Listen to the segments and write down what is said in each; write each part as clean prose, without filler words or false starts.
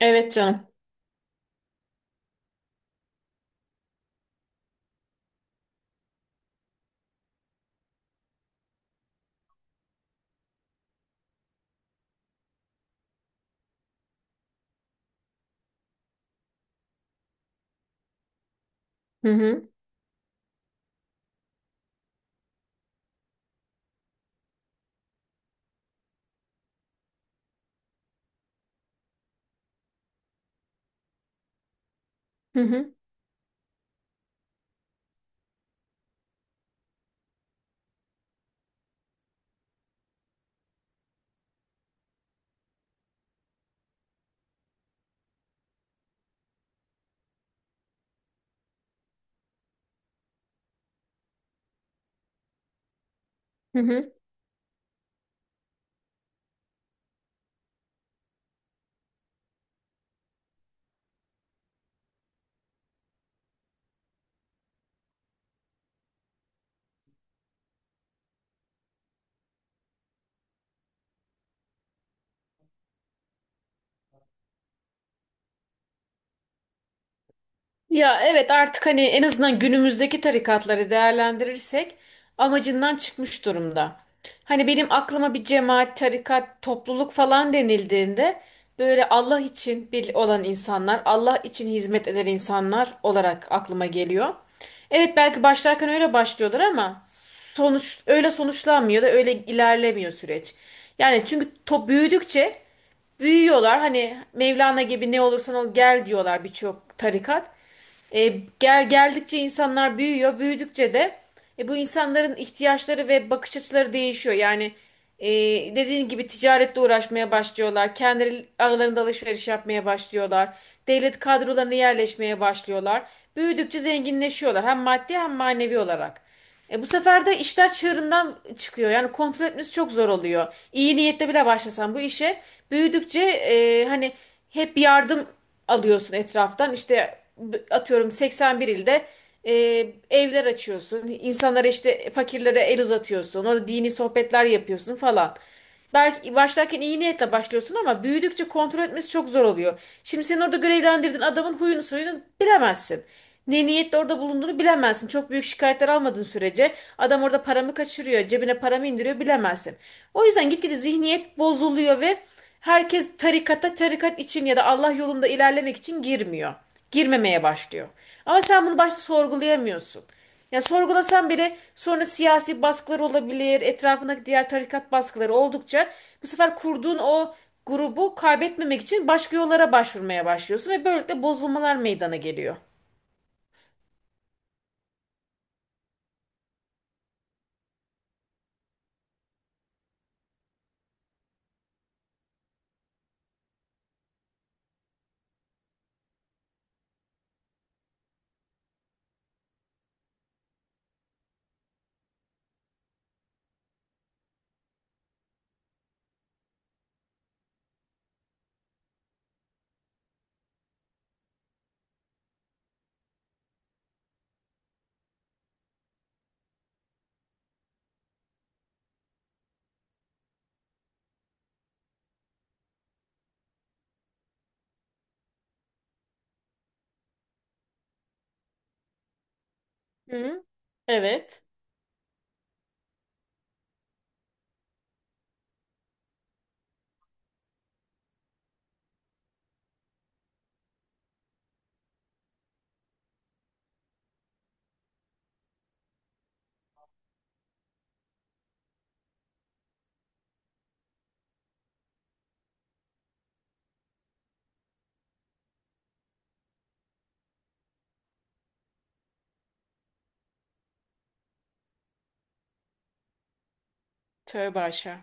Evet, canım. Hı hı. Hı hı. Hı hı. Ya evet artık hani en azından günümüzdeki tarikatları değerlendirirsek amacından çıkmış durumda. Hani benim aklıma bir cemaat, tarikat, topluluk falan denildiğinde böyle Allah için bir olan insanlar, Allah için hizmet eden insanlar olarak aklıma geliyor. Evet, belki başlarken öyle başlıyorlar ama sonuç öyle sonuçlanmıyor da öyle ilerlemiyor süreç. Yani çünkü top büyüdükçe büyüyorlar. Hani Mevlana gibi ne olursan ol gel diyorlar birçok tarikat. E, geldikçe insanlar büyüyor. Büyüdükçe de bu insanların ihtiyaçları ve bakış açıları değişiyor. Yani e, dediğin gibi ticaretle uğraşmaya başlıyorlar. Kendi aralarında alışveriş yapmaya başlıyorlar. Devlet kadrolarına yerleşmeye başlıyorlar. Büyüdükçe zenginleşiyorlar hem maddi hem manevi olarak. Bu sefer de işler çığırından çıkıyor. Yani kontrol etmesi çok zor oluyor. İyi niyetle bile başlasan bu işe büyüdükçe hani hep yardım alıyorsun etraftan. İşte atıyorum 81 ilde e, evler açıyorsun. İnsanlara işte fakirlere el uzatıyorsun. Orada dini sohbetler yapıyorsun falan. Belki başlarken iyi niyetle başlıyorsun ama büyüdükçe kontrol etmesi çok zor oluyor. Şimdi sen orada görevlendirdiğin adamın huyunu suyunu bilemezsin. Ne niyetle orada bulunduğunu bilemezsin. Çok büyük şikayetler almadığın sürece adam orada paramı kaçırıyor, cebine paramı indiriyor bilemezsin. O yüzden gitgide zihniyet bozuluyor ve herkes tarikata tarikat için ya da Allah yolunda ilerlemek için girmiyor. Girmemeye başlıyor. Ama sen bunu başta sorgulayamıyorsun. Ya sorgulasan bile sonra siyasi baskılar olabilir, etrafındaki diğer tarikat baskıları oldukça bu sefer kurduğun o grubu kaybetmemek için başka yollara başvurmaya başlıyorsun ve böylelikle bozulmalar meydana geliyor. Hı? Evet. Tövbe aşağı.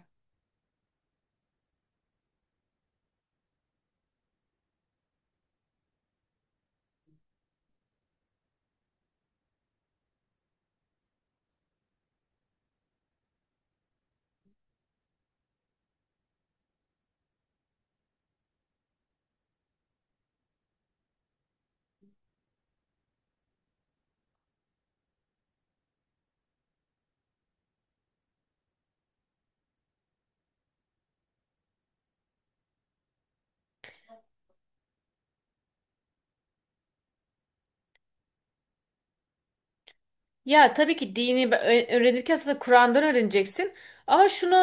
Ya tabii ki dini öğrenirken aslında Kur'an'dan öğreneceksin. Ama şunu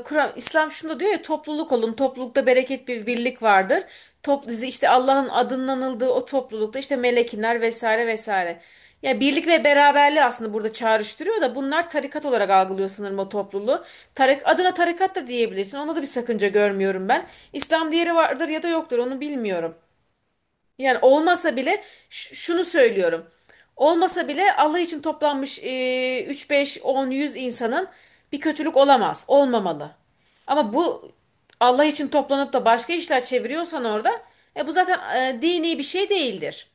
e, Kur'an İslam şunu da diyor ya, topluluk olun. Toplulukta bereket, bir birlik vardır. Top, işte Allah'ın adının anıldığı o toplulukta işte melekinler vesaire vesaire. Ya birlik ve beraberliği aslında burada çağrıştırıyor da bunlar tarikat olarak algılıyor sanırım o topluluğu. Adına tarikat da diyebilirsin. Ona da bir sakınca görmüyorum ben. İslam, diğeri vardır ya da yoktur onu bilmiyorum. Yani olmasa bile şunu söylüyorum. Olmasa bile Allah için toplanmış 3, 5, 10, 100 insanın bir kötülük olamaz. Olmamalı. Ama bu Allah için toplanıp da başka işler çeviriyorsan orada bu zaten dini bir şey değildir.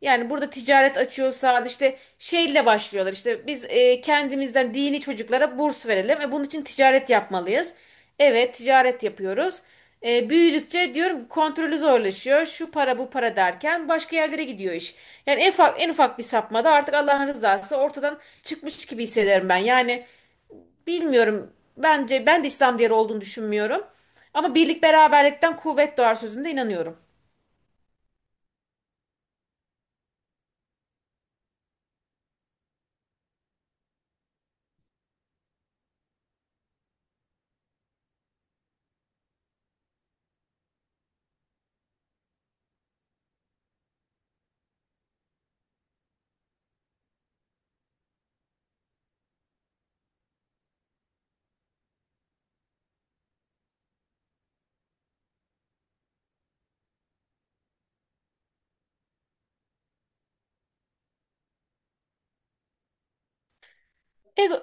Yani burada ticaret açıyorsa işte şeyle başlıyorlar. İşte biz kendimizden dini çocuklara burs verelim ve bunun için ticaret yapmalıyız. Evet, ticaret yapıyoruz. Büyüdükçe diyorum ki kontrolü zorlaşıyor. Şu para bu para derken başka yerlere gidiyor iş. Yani en ufak, en ufak bir sapmada artık Allah'ın rızası ortadan çıkmış gibi hissederim ben. Yani bilmiyorum. Bence ben de İslam değeri olduğunu düşünmüyorum. Ama birlik beraberlikten kuvvet doğar sözünde inanıyorum. Ego,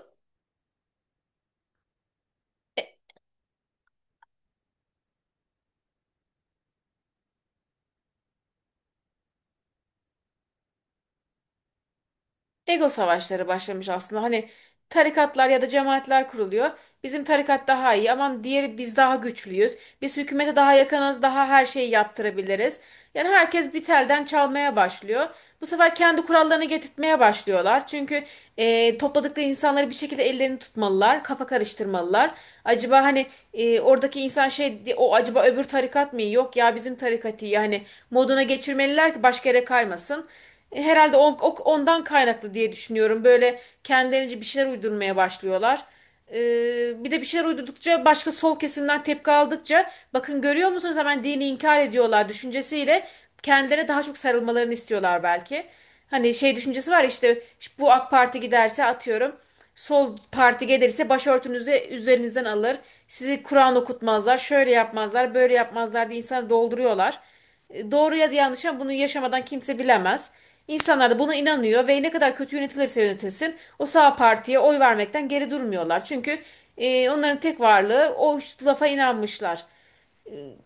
ego savaşları başlamış aslında. Hani tarikatlar ya da cemaatler kuruluyor. Bizim tarikat daha iyi. Aman, diğeri, biz daha güçlüyüz. Biz hükümete daha yakınız, daha her şeyi yaptırabiliriz. Yani herkes bir telden çalmaya başlıyor. Bu sefer kendi kurallarını getirtmeye başlıyorlar. Çünkü topladıkları insanları bir şekilde ellerini tutmalılar, kafa karıştırmalılar. Acaba hani oradaki insan şey, o acaba öbür tarikat mı iyi? Yok ya, bizim tarikat iyi. Yani moduna geçirmeliler ki başka yere kaymasın. Herhalde ondan kaynaklı diye düşünüyorum. Böyle kendilerince bir şeyler uydurmaya başlıyorlar. Bir de bir şeyler uydurdukça başka sol kesimden tepki aldıkça bakın, görüyor musunuz, hemen dini inkar ediyorlar düşüncesiyle kendilerine daha çok sarılmalarını istiyorlar belki. Hani şey düşüncesi var ya işte, bu AK Parti giderse atıyorum sol parti gelirse başörtünüzü üzerinizden alır. Sizi Kur'an okutmazlar, şöyle yapmazlar, böyle yapmazlar diye insanı dolduruyorlar. Doğru ya da yanlış, ama bunu yaşamadan kimse bilemez. İnsanlar da buna inanıyor ve ne kadar kötü yönetilirse yönetilsin o sağ partiye oy vermekten geri durmuyorlar. Çünkü onların tek varlığı o, üç lafa inanmışlar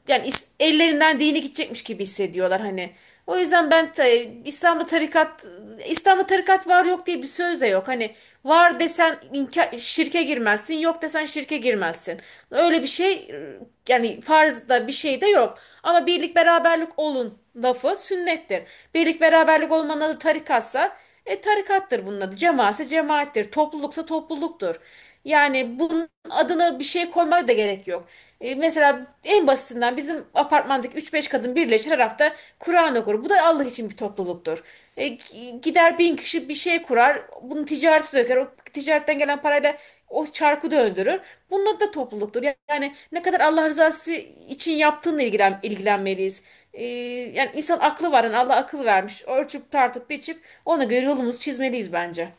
yani, ellerinden dini gidecekmiş gibi hissediyorlar hani. O yüzden İslam'da tarikat İslam'da tarikat var yok diye bir söz de yok. Hani var desen şirke girmezsin, yok desen şirke girmezsin. Öyle bir şey yani farzda bir şey de yok. Ama birlik beraberlik olun lafı sünnettir. Birlik beraberlik olmanın adı tarikatsa tarikattır bunun adı. Cemaatse cemaattir. Topluluksa topluluktur. Yani bunun adına bir şey koymaya da gerek yok. Mesela en basitinden bizim apartmandaki üç beş kadın birleşir her hafta Kur'an okur. Bu da Allah için bir topluluktur. Gider bin kişi bir şey kurar. Bunu ticarete döker. O ticaretten gelen parayla o çarkı döndürür. Bunun da topluluktur. Yani ne kadar Allah rızası için yaptığınla ilgilenmeliyiz. E, yani insan aklı var. Yani Allah akıl vermiş. Ölçüp tartıp biçip ona göre yolumuzu çizmeliyiz bence.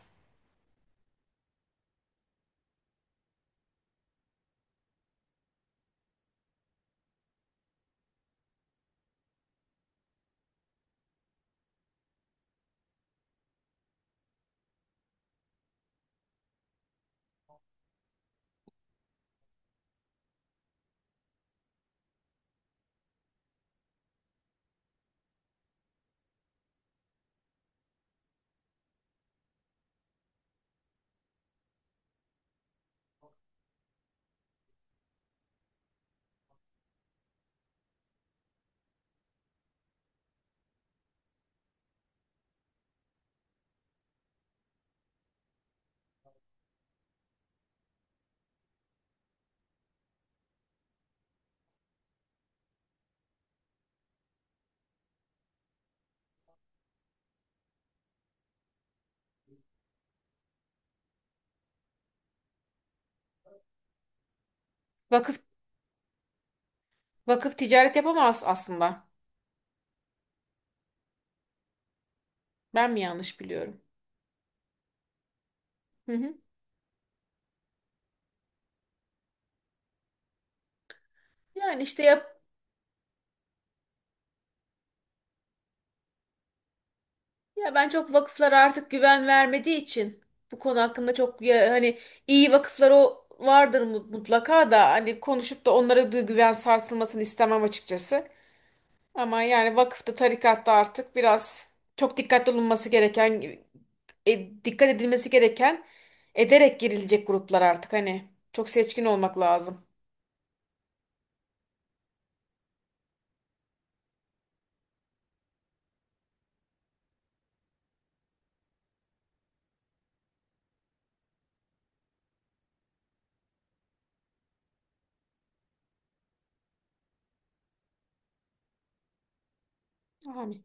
Vakıf, vakıf ticaret yapamaz aslında. Ben mi yanlış biliyorum? Hı hı. Yani işte yap. Ya ben çok vakıflara artık güven vermediği için bu konu hakkında çok, ya hani iyi vakıflar o vardır mutlaka, da hani konuşup da onlara güven sarsılmasını istemem açıkçası. Ama yani vakıfta tarikatta artık biraz çok dikkatli olunması gereken, dikkat edilmesi gereken, ederek girilecek gruplar artık hani çok seçkin olmak lazım. Amin.